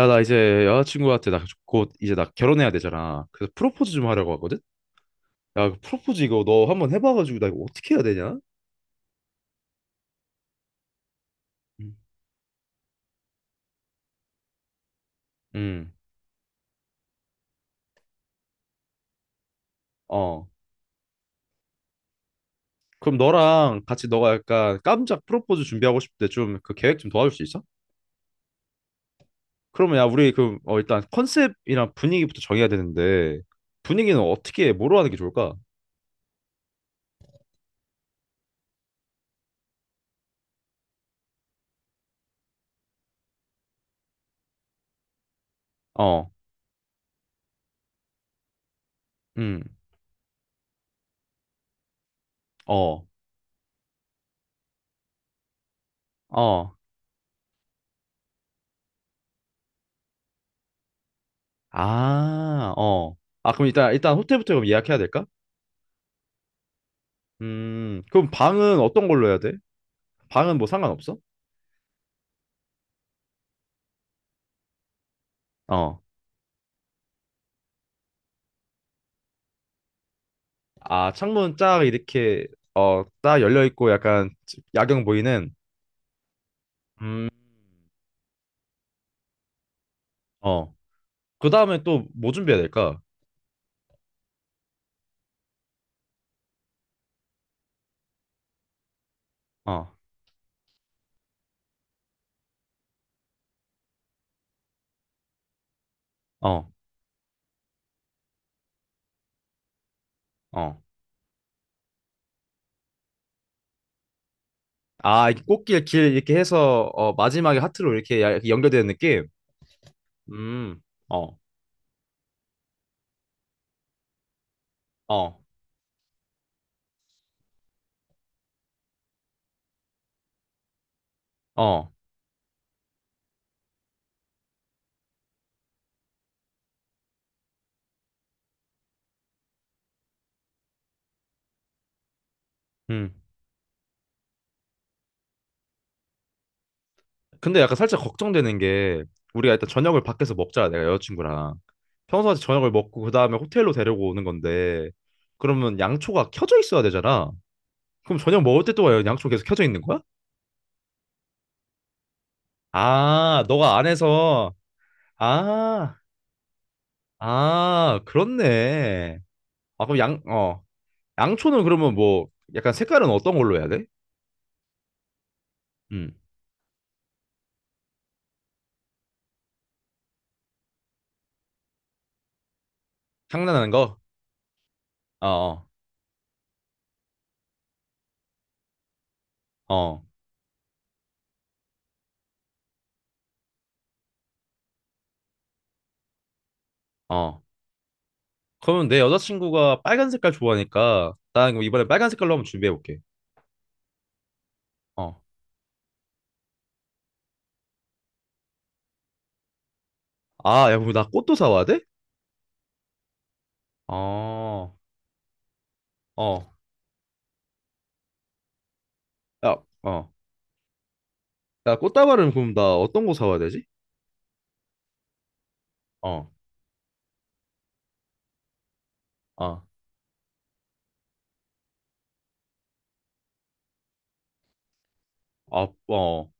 야, 나 이제 여자친구한테 나 곧 이제 나 결혼해야 되잖아. 그래서 프로포즈 좀 하려고 하거든? 야, 그 프로포즈 이거 너 한번 해봐가지고 나 이거 어떻게 해야 되냐? 음. 음, 어. 그럼 너랑 같이 너가 약간 깜짝 프로포즈 준비하고 싶을 때 좀 그 계획 좀 도와줄 수 있어? 그러면 야, 우리 그 일단 컨셉이랑 분위기부터 정해야 되는데 분위기는 어떻게, 뭐로 하는 게 좋을까? 어, 음, 어, 어, 아, 어. 아, 그럼 일단 호텔부터 그럼 예약해야 될까? 그럼 방은 어떤 걸로 해야 돼? 방은 뭐 상관없어? 어. 아, 창문 쫙 이렇게 어, 딱 열려 있고 약간 야경 보이는. 음. 어. 그다음에 또 뭐 준비해야 될까? 어. 어. 어. 아, 이렇게 꽃길 길 이렇게 해서 어, 마지막에 하트로 이렇게 연결되는 느낌? 음. 어. 어. 어. 음. 근데 약간 살짝 걱정되는 게 우리가 일단 저녁을 밖에서 먹자. 내가 여자친구랑 평소같이 저녁을 먹고 그다음에 호텔로 데려고 오는 건데 그러면 양초가 켜져 있어야 되잖아. 그럼 저녁 먹을 때 또 와요? 양초 계속 켜져 있는 거야? 아, 너가 안에서. 아, 아, 그렇네. 아, 그럼 양, 어, 양초는 그러면 뭐 약간 색깔은 어떤 걸로 해야 돼? 음, 장난하는 거? 어, 어, 어, 어. 그러면 내 여자친구가 빨간 색깔 좋아하니까 나 그럼 이번에 빨간 색깔로 한번 준비해 볼게. 어, 아, 야, 그럼 나 꽃도 사와야 돼? 어, 어, 야, 어, 야, 꽃다발은 그럼 나 어떤 거 사와야 되지? 어, 어, 어, 어,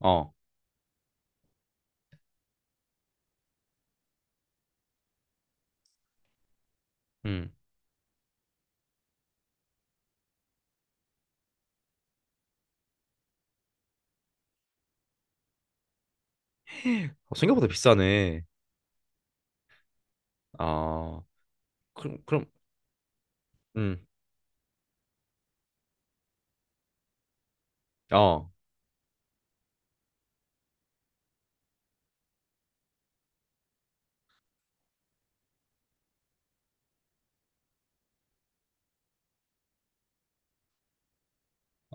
어, 음. 어, 생각보다 비싸네. 아, 그럼, 음, 어,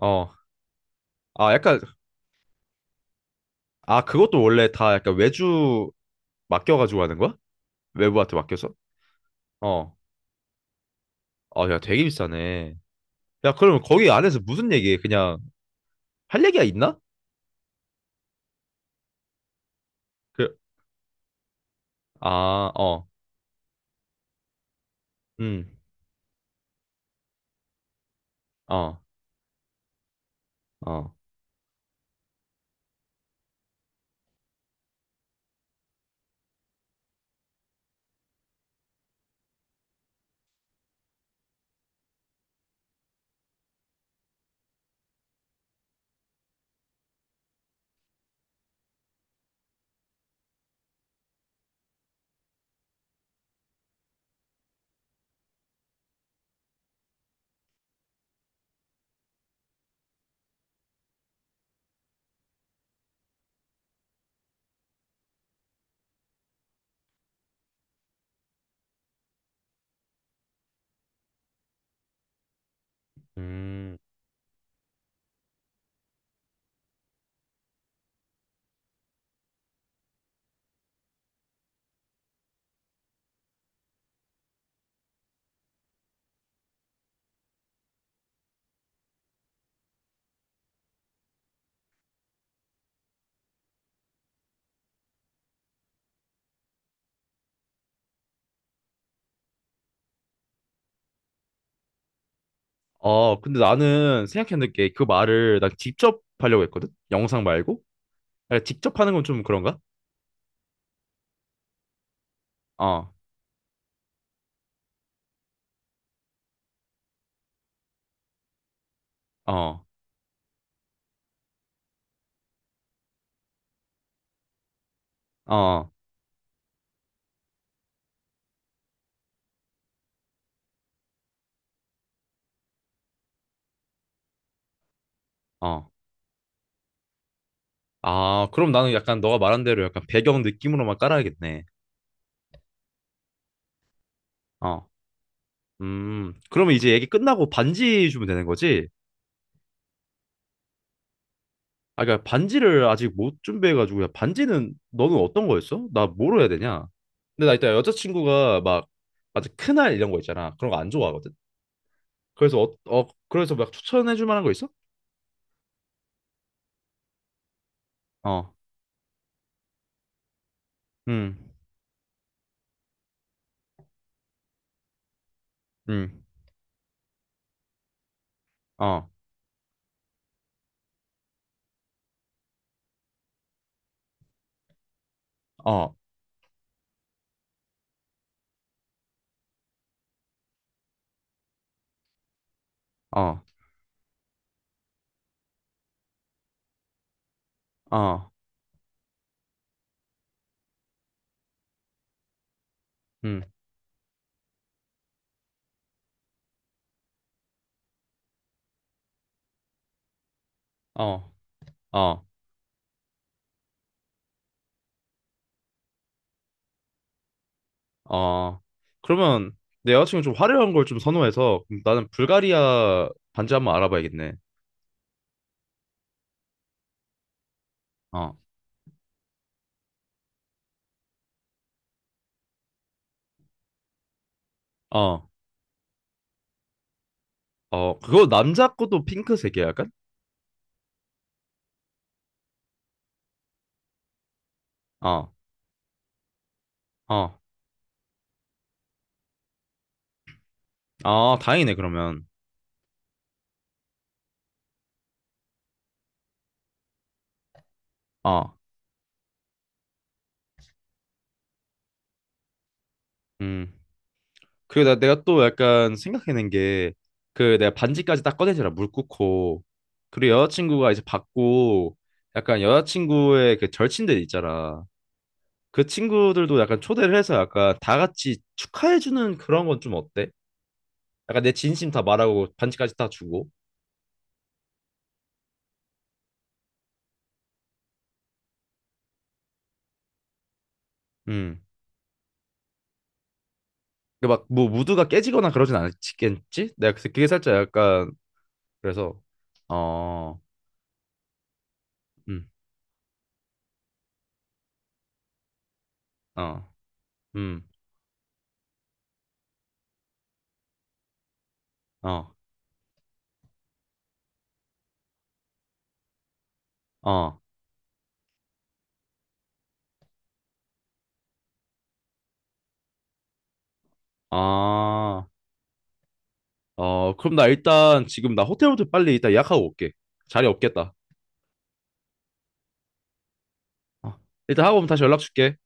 어. 아, 약간, 아, 그것도 원래 다 약간 외주 맡겨가지고 하는 거야? 외부한테 맡겨서? 어. 아, 야, 되게 비싸네. 야, 그럼 거기 안에서 무슨 얘기해? 그냥 할 얘기가 있나? 그, 아, 어, 음, 어, 어, 음. 어, 근데 나는 생각했는 게 그 말을 난 직접 하려고 했거든? 영상 말고? 야, 직접 하는 건 좀 그런가? 어, 어, 어, 어. 아, 그럼 나는 약간 너가 말한 대로 약간 배경 느낌으로만 깔아야겠네. 어. 그러면 이제 얘기 끝나고 반지 주면 되는 거지? 아, 그러니까 반지를 아직 못 준비해가지고, 야, 반지는 너는 어떤 거였어? 나 뭐로 해야 되냐? 근데 나 이따 여자친구가 막, 아주 큰알 이런 거 있잖아. 그런 거 안 좋아하거든? 그래서, 어, 그래서 막 추천해줄 만한 거 있어? 어, 음, 음, 어, 어, 어, 어, 음, 어, 어. 아, 그러면 내 여자친구 좀 화려한 걸 좀 선호해서 그럼 나는 불가리아 반지 한번 알아봐야겠네. 어, 어, 어, 그거 남자 것도 핑크색이야, 약간? 어, 어, 아, 다행이네, 그러면. 어, 음. 그리고 내가 또 약간 생각해낸 게, 그 내가 반지까지 딱 꺼내잖아, 물 끓고. 그리고 여자친구가 이제 받고, 약간 여자친구의 그 절친들 있잖아. 그 친구들도 약간 초대를 해서 약간 다 같이 축하해주는 그런 건 좀 어때? 약간 내 진심 다 말하고 반지까지 다 주고. 음. 막뭐 무드가 깨지거나 그러진 않겠지? 내가 그래서 그게 살짝 약간 그래서 어, 음, 어, 음, 어, 어, 아, 어, 그럼 나 일단 지금 나 호텔부터 빨리 일단 예약하고 올게. 자리 없겠다. 어, 일단 하고 오면 다시 연락 줄게.